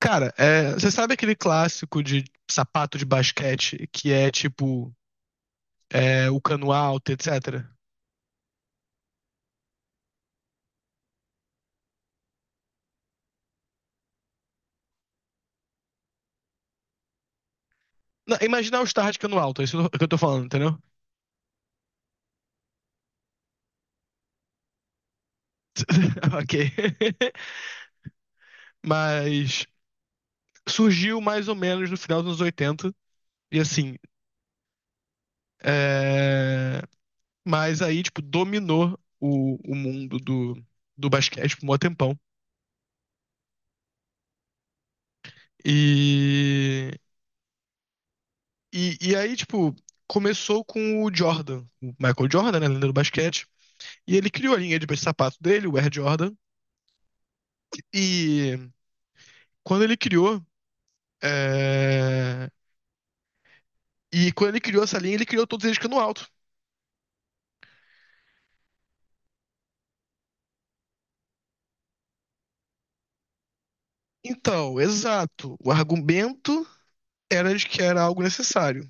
Cara, é, você sabe aquele clássico de sapato de basquete que é tipo o cano alto, etc. Não, imagina o All-Star de cano alto, é isso que eu tô falando, entendeu? Ok. Mas surgiu mais ou menos no final dos anos 80, e assim. é, Mas aí, tipo, dominou o mundo do basquete por um tempão. E, e aí, tipo, começou com o Jordan, o Michael Jordan, né, lenda do basquete. E ele criou a linha de sapato dele, o Air Jordan. E quando ele criou. é, E quando ele criou essa linha, ele criou todos eles cano alto. Então, exato. O argumento era de que era algo necessário.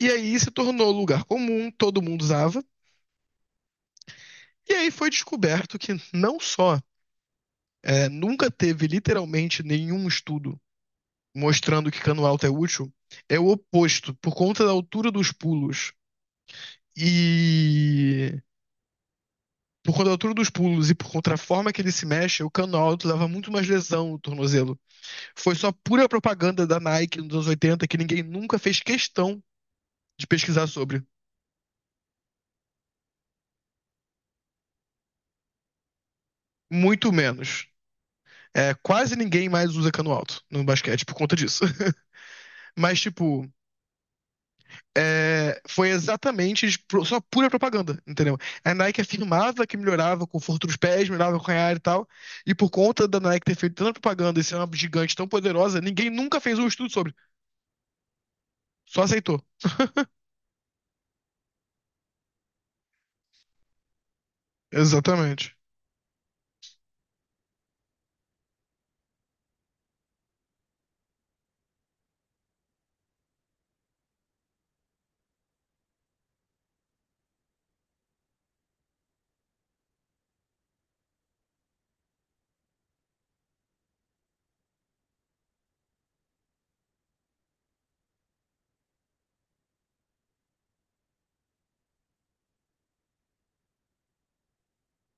E aí se tornou lugar comum, todo mundo usava. E aí foi descoberto que não só nunca teve literalmente nenhum estudo mostrando que cano alto é útil, é o oposto, por conta da altura dos pulos. E por conta da altura dos pulos e por conta da forma que ele se mexe, o cano alto leva muito mais lesão no tornozelo. Foi só pura propaganda da Nike nos anos 80 que ninguém nunca fez questão de pesquisar sobre. Muito menos. É, quase ninguém mais usa cano alto no basquete por conta disso. Mas, tipo, foi exatamente só pura propaganda, entendeu? A Nike afirmava que melhorava o conforto dos pés, melhorava o canhar e tal. E por conta da Nike ter feito tanta propaganda e ser uma gigante tão poderosa, ninguém nunca fez um estudo sobre. Só aceitou. Exatamente.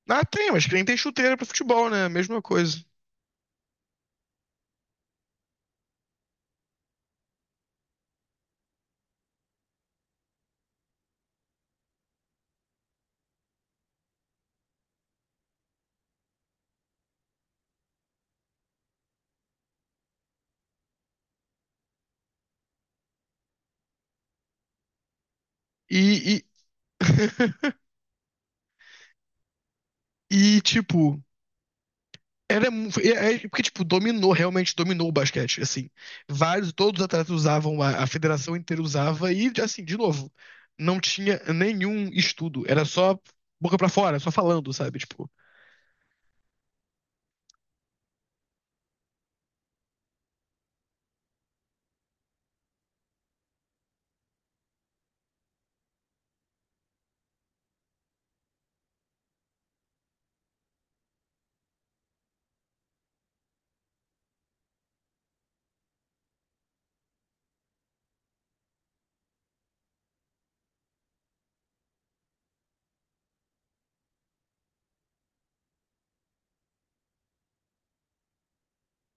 Ah, tem, mas que nem tem chuteira pra futebol, né? Mesma coisa. E, e, e tipo, porque, tipo, dominou, realmente dominou o basquete, assim. Vários, todos os atletas usavam, a federação inteira usava, e, assim, de novo, não tinha nenhum estudo. Era só boca pra fora, só falando, sabe? Tipo,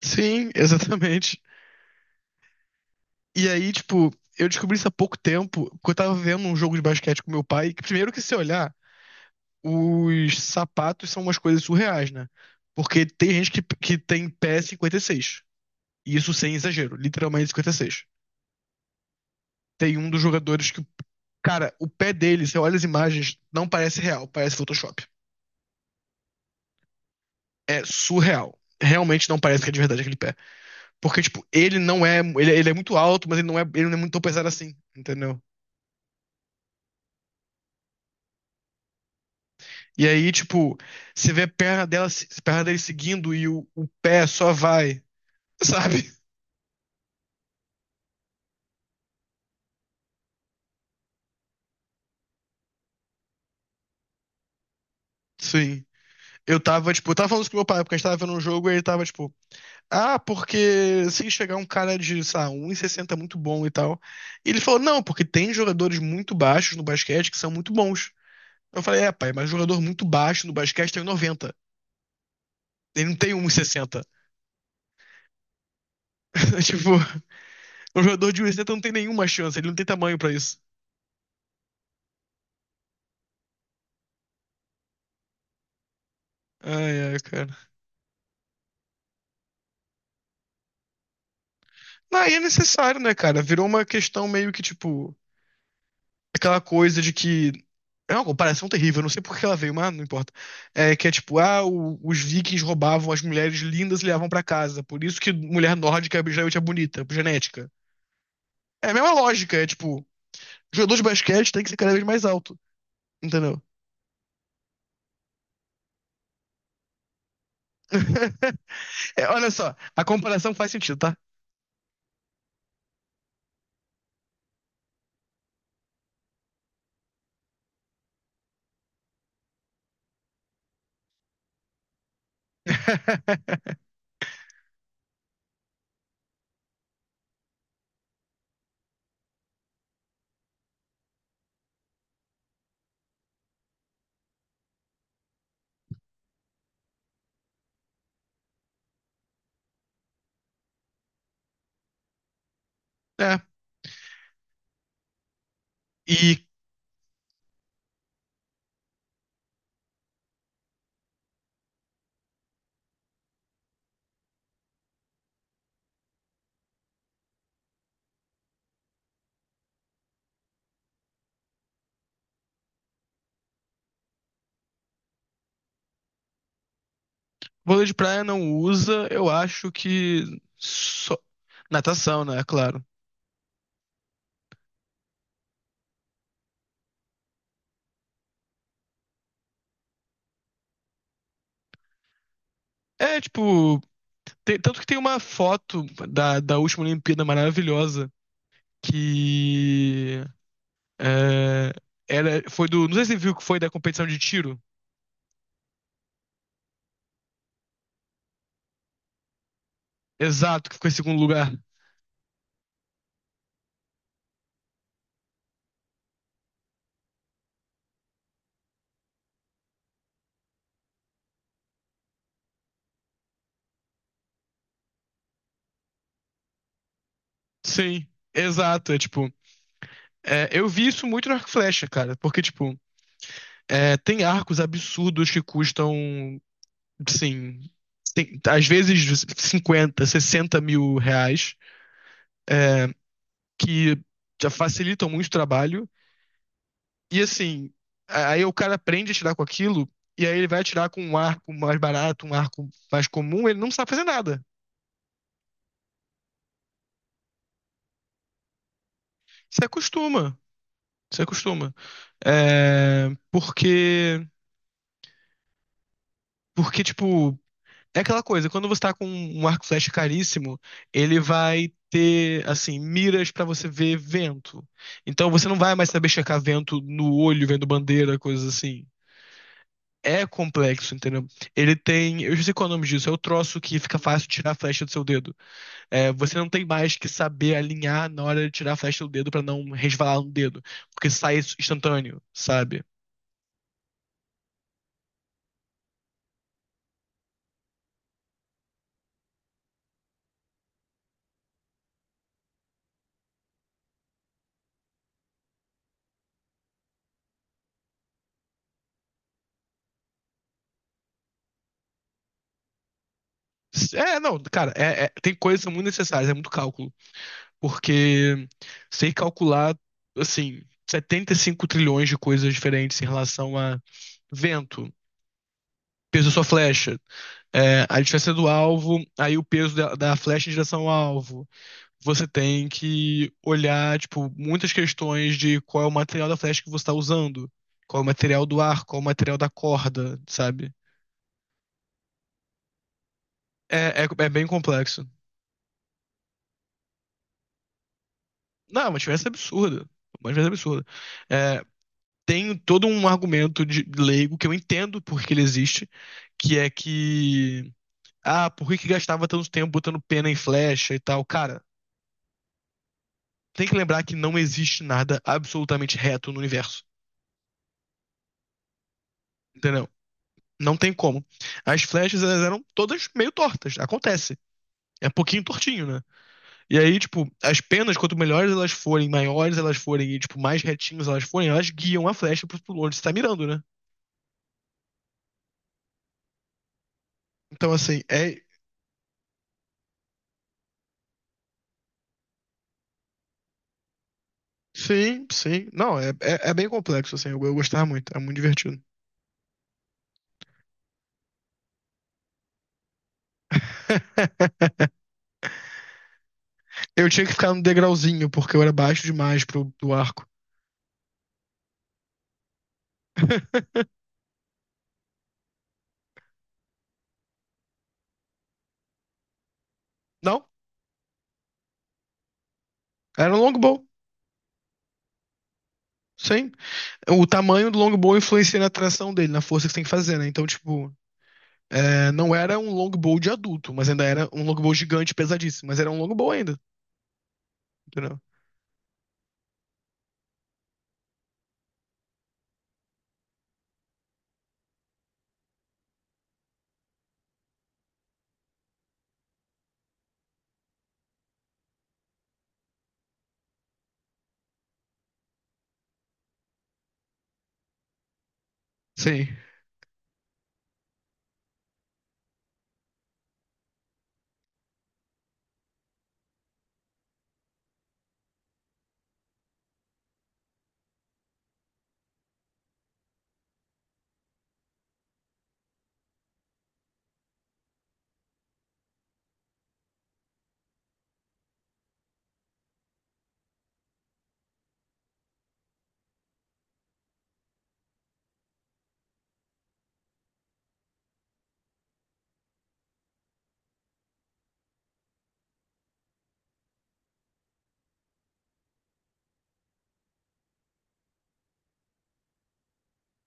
sim, exatamente. E aí, tipo, eu descobri isso há pouco tempo, porque eu tava vendo um jogo de basquete com meu pai, que primeiro que se olhar, os sapatos são umas coisas surreais, né? Porque tem gente que tem pé 56. E seis. E isso sem exagero, literalmente 56. Tem um dos jogadores que, cara, o pé dele, você olha as imagens, não parece real, parece Photoshop. É surreal. Realmente não parece que é de verdade aquele pé. Porque, tipo, ele não é. Ele é muito alto, mas ele não é muito tão pesado assim, entendeu? E aí, tipo, você vê a perna dela, a perna dele seguindo e o pé só vai, sabe? Sim. Eu tava falando isso com meu pai, porque a gente tava vendo um jogo e ele tava, tipo, ah, porque se chegar um cara de, sei lá, 1,60 muito bom e tal. E ele falou, não, porque tem jogadores muito baixos no basquete que são muito bons. Eu falei, pai, mas jogador muito baixo no basquete tem 90. Ele não tem 1,60. Tipo, um jogador de 1,60 não tem nenhuma chance, ele não tem tamanho pra isso. Ai, ai, cara. Não, e é necessário, né, cara? Virou uma questão meio que, tipo, aquela coisa de que. É uma comparação terrível, eu não sei por que ela veio, mas não importa. É que é tipo, ah, os vikings roubavam as mulheres lindas e levavam pra casa. Por isso que mulher nórdica geralmente é bonita, por genética. É a mesma lógica, é tipo, jogador de basquete tem que ser cada vez mais alto, entendeu? É, olha só, a comparação faz sentido, tá? É. E vôlei de praia não usa, eu acho que só natação, né? Claro. É, tipo, tanto que tem uma foto da, última Olimpíada maravilhosa que é, era, foi do, não sei se você viu que foi da competição de tiro. Exato, que ficou em segundo lugar. Sim, exato. É tipo, eu vi isso muito no Arco e Flecha, cara, porque tipo, tem arcos absurdos que custam, sim, às vezes 50 60 mil reais, é, que já facilitam muito o trabalho. E assim, aí o cara aprende a tirar com aquilo, e aí ele vai tirar com um arco mais barato, um arco mais comum, ele não sabe fazer nada. Se acostuma, se acostuma. É, porque tipo, é aquela coisa, quando você tá com um arco e flecha caríssimo, ele vai ter, assim, miras pra você ver vento. Então você não vai mais saber checar vento no olho, vendo bandeira, coisas assim. É complexo, entendeu? Ele tem, eu já sei qual é o nome disso, é o troço que fica fácil tirar a flecha do seu dedo. É, você não tem mais que saber alinhar na hora de tirar a flecha do dedo pra não resvalar no dedo, porque sai instantâneo, sabe? É, não, cara, tem coisas que são muito necessárias, é muito cálculo. Porque sei calcular, assim, 75 trilhões de coisas diferentes em relação a vento, peso da sua flecha, a distância do alvo, aí o peso da flecha em direção ao alvo. Você tem que olhar, tipo, muitas questões de qual é o material da flecha que você está usando, qual é o material do ar, qual é o material da corda, sabe? É bem complexo. Não, é uma diferença absurda. Uma diferença absurda. É, tem todo um argumento de leigo que eu entendo porque ele existe, que é que ah, por que que gastava tanto tempo botando pena em flecha e tal? Cara, tem que lembrar que não existe nada absolutamente reto no universo, entendeu? Não tem como. As flechas elas eram todas meio tortas, acontece. É um pouquinho tortinho, né? E aí, tipo, as penas, quanto melhores elas forem, maiores elas forem e, tipo, mais retinhas elas forem, elas guiam a flecha pro onde você tá mirando, né? Então, assim, Sim, sim. Não, é bem complexo, assim. Eu gostava muito, é muito divertido. Eu tinha que ficar no degrauzinho, porque eu era baixo demais pro, do arco. Não, era um longbow. Sim. O tamanho do longbow influencia na tração dele, na força que você tem que fazer, né? Então, tipo, não era um longbow de adulto, mas ainda era um longbow gigante, pesadíssimo. Mas era um longbow ainda, entendeu? Sim.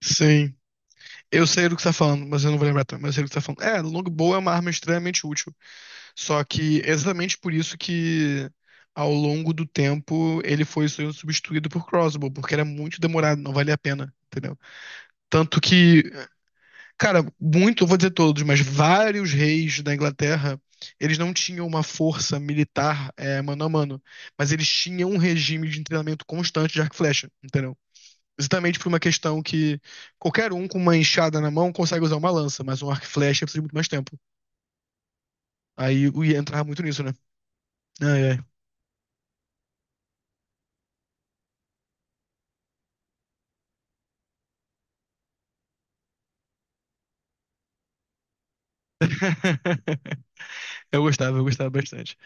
Sim. Eu sei do que você tá falando, mas eu não vou lembrar, também, mas eu sei do que você tá falando. É, longbow é uma arma extremamente útil. Só que é exatamente por isso que ao longo do tempo ele foi sendo substituído por crossbow, porque era muito demorado, não valia a pena, entendeu? Tanto que, cara, muito, eu vou dizer todos, mas vários reis da Inglaterra, eles não tinham uma força militar mano a mano, mas eles tinham um regime de treinamento constante de arco e flecha, entendeu? Exatamente por uma questão que qualquer um com uma enxada na mão consegue usar uma lança, mas um arco e flecha precisa de muito mais tempo. Aí eu ia entrar muito nisso, né? Ai, ai. Eu gostava bastante.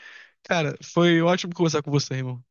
Cara, foi ótimo conversar com você, irmão.